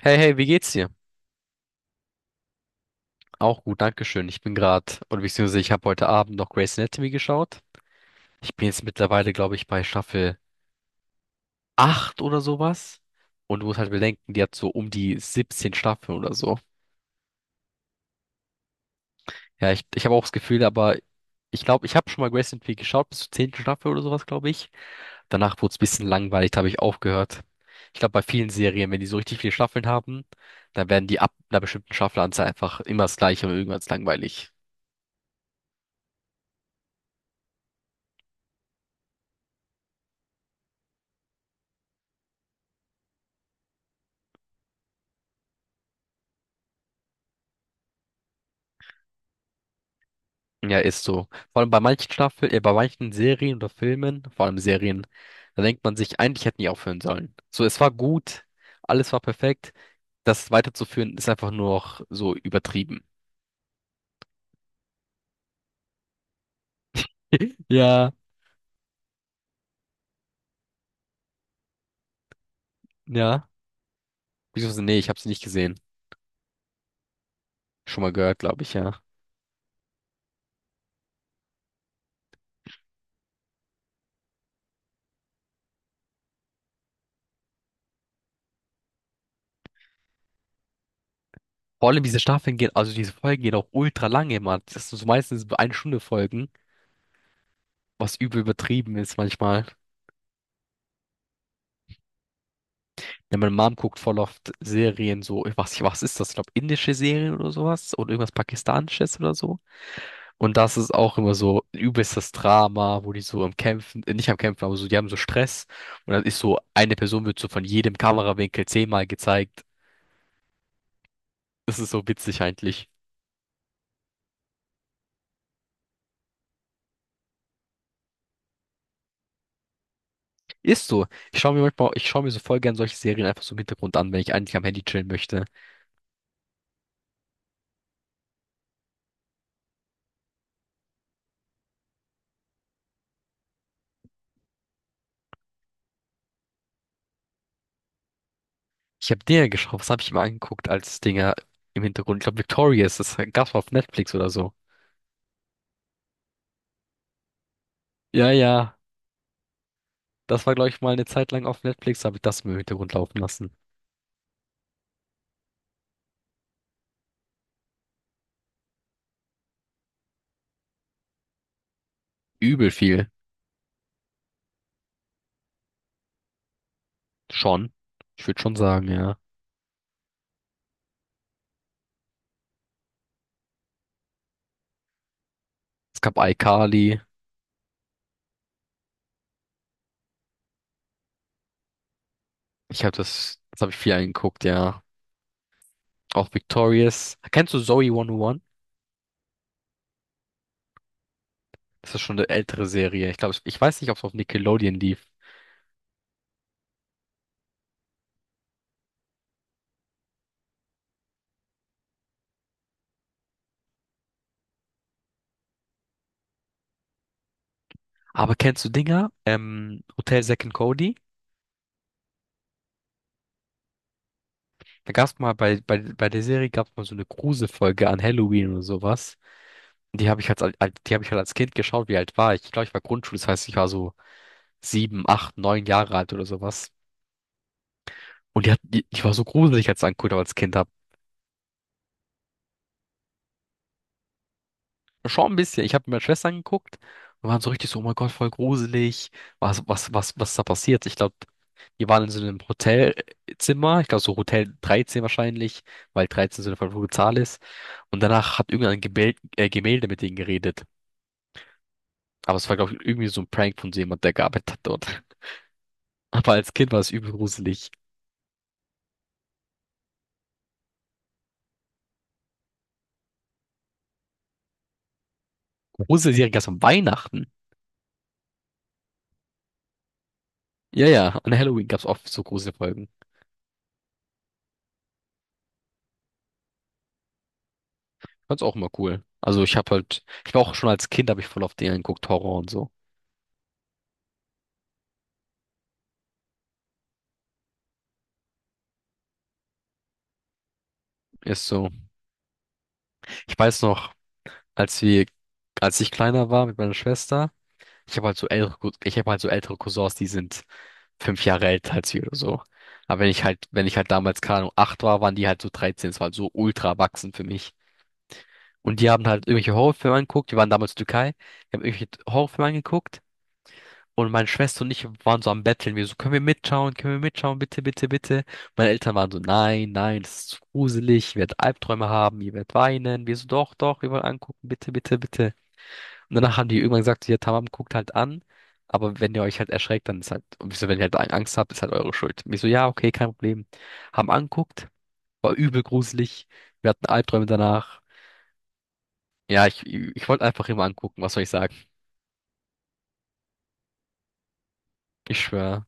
Hey, hey, wie geht's dir? Auch gut, dankeschön. Ich bin gerade, oder beziehungsweise ich habe heute Abend noch Grey's Anatomy geschaut. Ich bin jetzt mittlerweile, glaube ich, bei Staffel 8 oder sowas. Und du musst halt bedenken, die hat so um die 17 Staffeln oder so. Ja, ich habe auch das Gefühl, aber ich glaube, ich habe schon mal Grey's Anatomy geschaut, bis zur 10. Staffel oder sowas, glaube ich. Danach wurde es ein bisschen langweilig, da habe ich aufgehört. Ich glaube, bei vielen Serien, wenn die so richtig viele Staffeln haben, dann werden die ab einer bestimmten Staffelanzahl einfach immer das Gleiche und irgendwann ist langweilig. Ja, ist so. Vor allem bei manchen Serien oder Filmen, vor allem Serien, da denkt man sich, eigentlich hätten die aufhören sollen. So, es war gut, alles war perfekt. Das weiterzuführen ist einfach nur noch so übertrieben. Ja, ja. Wieso? So, nee, ich habe sie nicht gesehen. Schon mal gehört, glaube ich, ja. Vor allem diese Staffeln gehen, Also diese Folgen gehen auch ultra lange, Mann. Das sind so meistens eine Stunde Folgen, was übel übertrieben ist manchmal. Ja, meine Mom guckt voll oft Serien, so, ich weiß nicht, was ist das? Ich glaube, indische Serien oder sowas oder irgendwas Pakistanisches oder so. Und das ist auch immer so ein übelstes Drama, wo die so am Kämpfen, nicht am Kämpfen, aber so, die haben so Stress. Und dann ist so, eine Person wird so von jedem Kamerawinkel zehnmal gezeigt. Das ist so witzig eigentlich. Ist so. Ich schaue mir so voll gern solche Serien einfach so im Hintergrund an, wenn ich eigentlich am Handy chillen möchte. Ich habe Dinger geschaut, was habe ich mir angeguckt als Dinger im Hintergrund? Ich glaube, Victorious, das gab's mal auf Netflix oder so. Ja, ja. Das war, glaube ich, mal eine Zeit lang auf Netflix, habe ich das im Hintergrund laufen lassen. Übel viel. Schon. Ich würde schon sagen, ja. Es gab iCarly. Das habe ich viel angeguckt, ja. Auch Victorious. Kennst du Zoey 101? Das ist schon eine ältere Serie. Ich glaube, ich weiß nicht, ob es auf Nickelodeon lief. Aber kennst du Dinger? Hotel Zack and Cody? Da gab es mal bei der Serie gab es mal so eine Gruselfolge an Halloween oder sowas. Und die habe ich halt als Kind geschaut, wie alt war ich? Ich glaube, ich war Grundschule, das heißt, ich war so 7, 8, 9 Jahre alt oder sowas. Und die war so gruselig, als ich angeguckt habe als Kind hab. Schon ein bisschen. Ich habe mit meiner Schwester angeguckt und waren so richtig so, oh mein Gott, voll gruselig. Was ist da passiert? Ich glaube, die waren in so einem Hotelzimmer, ich glaube so Hotel 13 wahrscheinlich, weil 13 so eine verfluchte Zahl ist. Und danach hat irgendein Gemälde mit denen geredet. Aber es war, glaube ich, irgendwie so ein Prank von so jemand, der gearbeitet hat dort. Aber als Kind war es übel gruselig. Gruselige Serien gab es an Weihnachten. Ja, ja, an Halloween gab es oft so Gruselfolgen. Fand's auch immer cool. Also ich habe halt, ich war auch schon als Kind, habe ich voll auf den geguckt, Horror und so. Ist so. Ich weiß noch, als wir, als ich kleiner war mit meiner Schwester, ich habe halt so ältere Cousins, die sind 5 Jahre älter als wir oder so. Aber wenn ich halt damals, keine Ahnung, 8 war, waren die halt so 13. Es war halt so ultra erwachsen für mich. Und die haben halt irgendwelche Horrorfilme angeguckt. Die waren damals in der Türkei. Die haben irgendwelche Horrorfilme angeguckt. Und meine Schwester und ich waren so am Betteln. Wir so, können wir mitschauen? Können wir mitschauen? Bitte, bitte, bitte. Meine Eltern waren so, nein, nein, das ist zu gruselig. Ihr werdet Albträume haben. Ihr werdet weinen. Wir so, doch, doch, wir wollen angucken. Bitte, bitte, bitte. Und danach haben die irgendwann gesagt, ja, Tamam, guckt halt an. Aber wenn ihr euch halt erschreckt, dann ist halt, und wir so, wenn ihr halt Angst habt, ist halt eure Schuld. Und ich so, ja, okay, kein Problem. Haben anguckt. War übel gruselig. Wir hatten Albträume danach. Ja, ich wollte einfach immer angucken. Was soll ich sagen? Ich schwöre.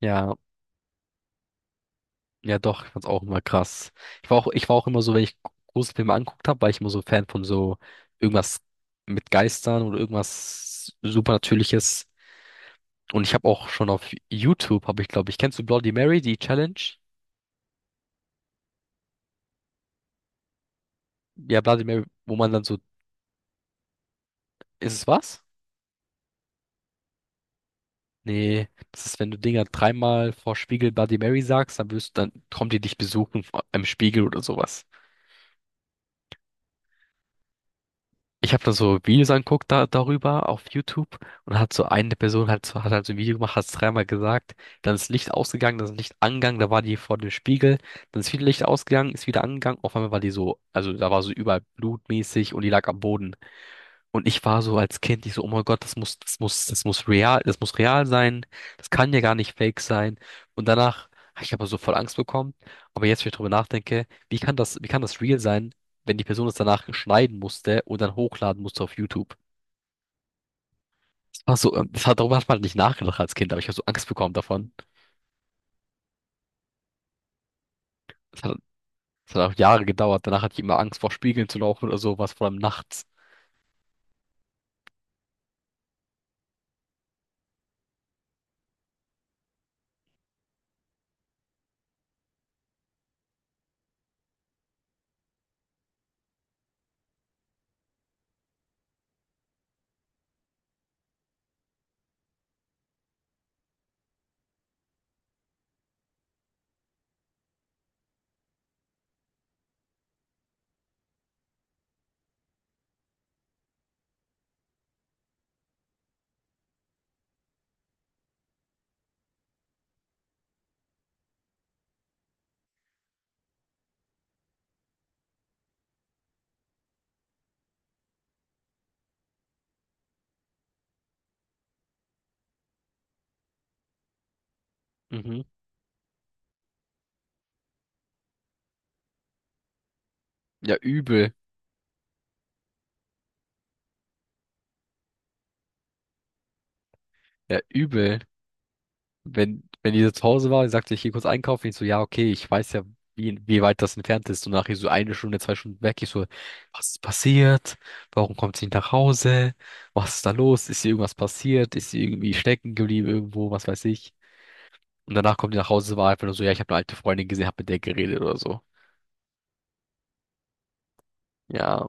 Ja. Ja, doch, ich fand's auch immer krass. Ich war auch immer so, wenn ich Gruselfilme angeguckt habe, war ich immer so Fan von so irgendwas mit Geistern oder irgendwas Supernatürliches. Und ich habe auch schon auf YouTube, habe ich, glaube ich, kennst du Bloody Mary, die Challenge? Ja, Bloody Mary, wo man dann so, ist es was? Nee, das ist, wenn du Dinger dreimal vor Spiegel Bloody Mary sagst, dann kommt die dich besuchen im Spiegel oder sowas. Ich habe da so Videos angeguckt da, darüber auf YouTube und hat so eine Person halt so, hat halt so ein Video gemacht, hat es dreimal gesagt, dann ist Licht ausgegangen, dann ist Licht angegangen, da war die vor dem Spiegel, dann ist wieder Licht ausgegangen, ist wieder angegangen, auf einmal war die so, also da war so überall blutmäßig und die lag am Boden. Und ich war so als Kind, ich so, oh mein Gott, das muss real sein. Das kann ja gar nicht fake sein. Und danach habe ich aber so voll Angst bekommen. Aber jetzt, wenn ich drüber nachdenke, wie kann das real sein, wenn die Person es danach schneiden musste und dann hochladen musste auf YouTube? Das war so, das hat, darüber hat man nicht nachgedacht als Kind, aber ich habe so Angst bekommen davon. Das hat, das hat auch Jahre gedauert. Danach hatte ich immer Angst vor Spiegeln zu laufen oder sowas, vor allem nachts. Mhm. Ja, übel. Ja, übel. Wenn die so zu Hause war, sagte ich, geh kurz einkaufen. Ich so, ja, okay, ich weiß ja, wie weit das entfernt ist. Und nachher so eine Stunde, 2 Stunden weg. Ich so, was ist passiert? Warum kommt sie nicht nach Hause? Was ist da los? Ist ihr irgendwas passiert? Ist sie irgendwie stecken geblieben irgendwo? Was weiß ich? Und danach kommt die nach Hause, war einfach nur so, ja, ich habe eine alte Freundin gesehen, hab mit der geredet oder so. Ja,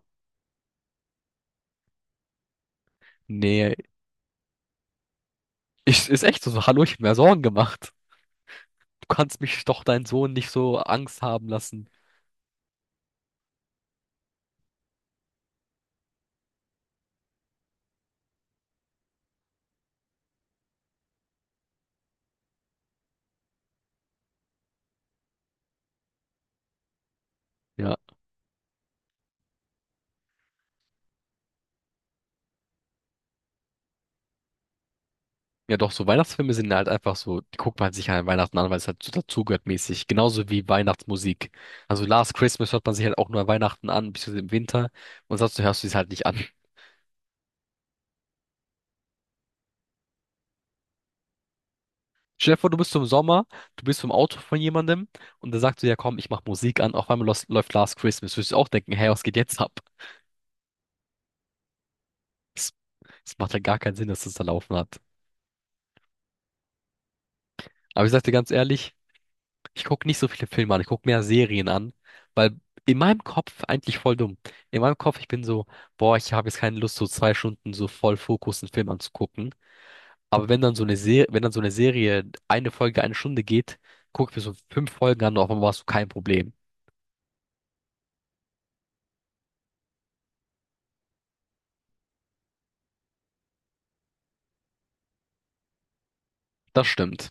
nee, ist echt so, hallo, ich hab mir Sorgen gemacht. Du kannst mich doch deinen Sohn nicht so Angst haben lassen. Ja. Ja, doch, so Weihnachtsfilme sind halt einfach so, die guckt man sich halt an Weihnachten an, weil es halt so dazugehört mäßig. Genauso wie Weihnachtsmusik. Also Last Christmas hört man sich halt auch nur an Weihnachten an, beziehungsweise im Winter. Und sonst hörst du es halt nicht an. Stell dir vor, du bist so im Sommer, du bist so im Auto von jemandem und der sagt so, ja komm, ich mach Musik an, auf einmal läuft Last Christmas. Würdest du auch denken, hey, was geht jetzt ab? Das, das macht ja gar keinen Sinn, dass das da laufen hat. Aber ich sag dir ganz ehrlich, ich gucke nicht so viele Filme an, ich gucke mehr Serien an, weil in meinem Kopf eigentlich voll dumm. In meinem Kopf, ich bin so, boah, ich habe jetzt keine Lust, so 2 Stunden so voll Fokus einen Film anzugucken. Aber wenn dann so eine Serie, wenn dann so eine Serie eine Folge eine Stunde geht, gucke ich mir so fünf Folgen an, auf einmal hast du kein Problem. Das stimmt.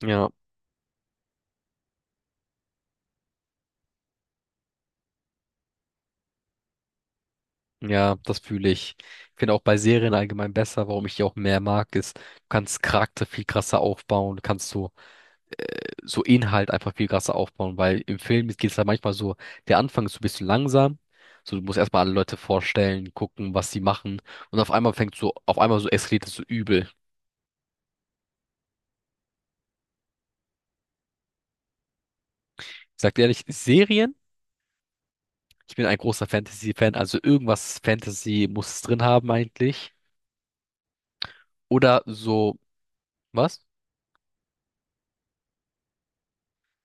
Ja, ja, das fühle ich. Ich finde auch bei Serien allgemein besser, warum ich die auch mehr mag, ist, du kannst Charakter viel krasser aufbauen, du kannst so Inhalt einfach viel krasser aufbauen, weil im Film geht es halt manchmal so, der Anfang ist so ein bisschen langsam, so du musst erstmal alle Leute vorstellen, gucken, was sie machen und auf einmal fängt so, auf einmal so eskaliert es so übel. Ich sag dir ehrlich, Serien, ich bin ein großer Fantasy-Fan, also irgendwas Fantasy muss es drin haben eigentlich. Oder so, was?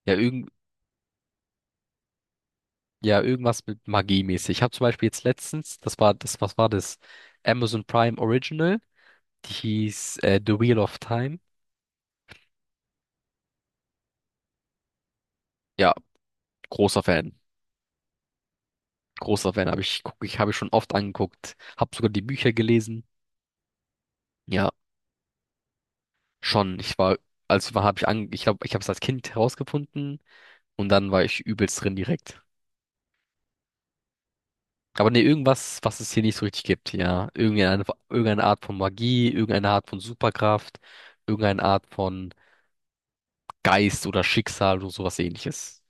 Ja, ja, irgendwas mit Magie mäßig. Ich habe zum Beispiel jetzt letztens, das war das, was war das? Amazon Prime Original, die hieß The Wheel of Time. Ja, großer Fan. Großer Fan, habe ich, guck, ich habe ich schon oft angeguckt, habe sogar die Bücher gelesen. Ja, schon. Ich war, als war, habe ich an, ich glaube, ich habe es als Kind herausgefunden und dann war ich übelst drin direkt. Aber nee, irgendwas, was es hier nicht so richtig gibt, ja. Irgendeine Art von Magie, irgendeine Art von Superkraft, irgendeine Art von Geist oder Schicksal oder sowas ähnliches.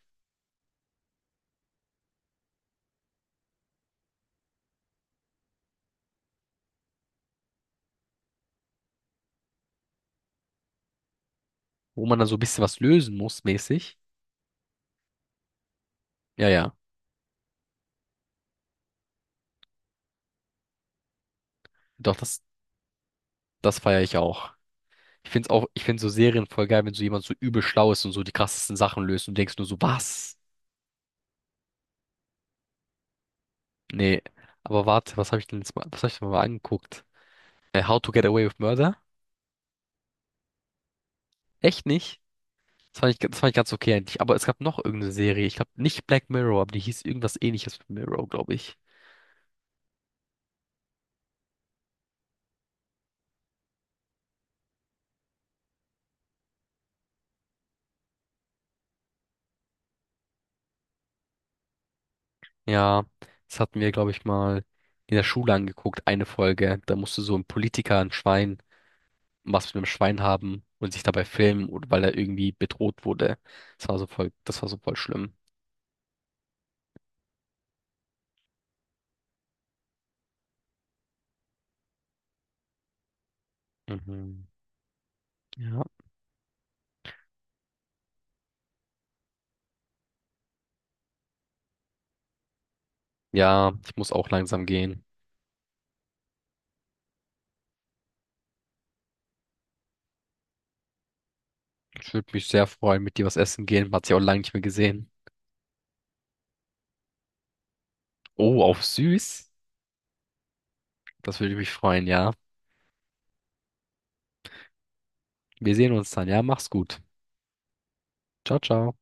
Wo man dann so ein bisschen was lösen muss, mäßig. Ja, ja. Doch, das feiere ich auch. Ich find's auch, ich find so Serien voll geil, wenn so jemand so übel schlau ist und so die krassesten Sachen löst und du denkst nur so, was? Nee, aber warte, was habe ich denn jetzt mal, was habe ich denn mal angeguckt? How to Get Away with Murder? Echt nicht? Das fand ich ganz okay eigentlich. Aber es gab noch irgendeine Serie. Ich glaube nicht Black Mirror, aber die hieß irgendwas ähnliches mit Mirror, glaube ich. Ja, das hatten wir, glaube ich, mal in der Schule angeguckt, eine Folge. Da musste so ein Politiker, ein Schwein, was mit einem Schwein haben und sich dabei filmen, oder weil er irgendwie bedroht wurde. Das war so voll schlimm. Mhm. Ja. Ja, ich muss auch langsam gehen. Ich würde mich sehr freuen, mit dir was essen gehen. Man hat sich auch lange nicht mehr gesehen. Oh, auf süß. Das würde mich freuen, ja. Wir sehen uns dann, ja. Mach's gut. Ciao, ciao.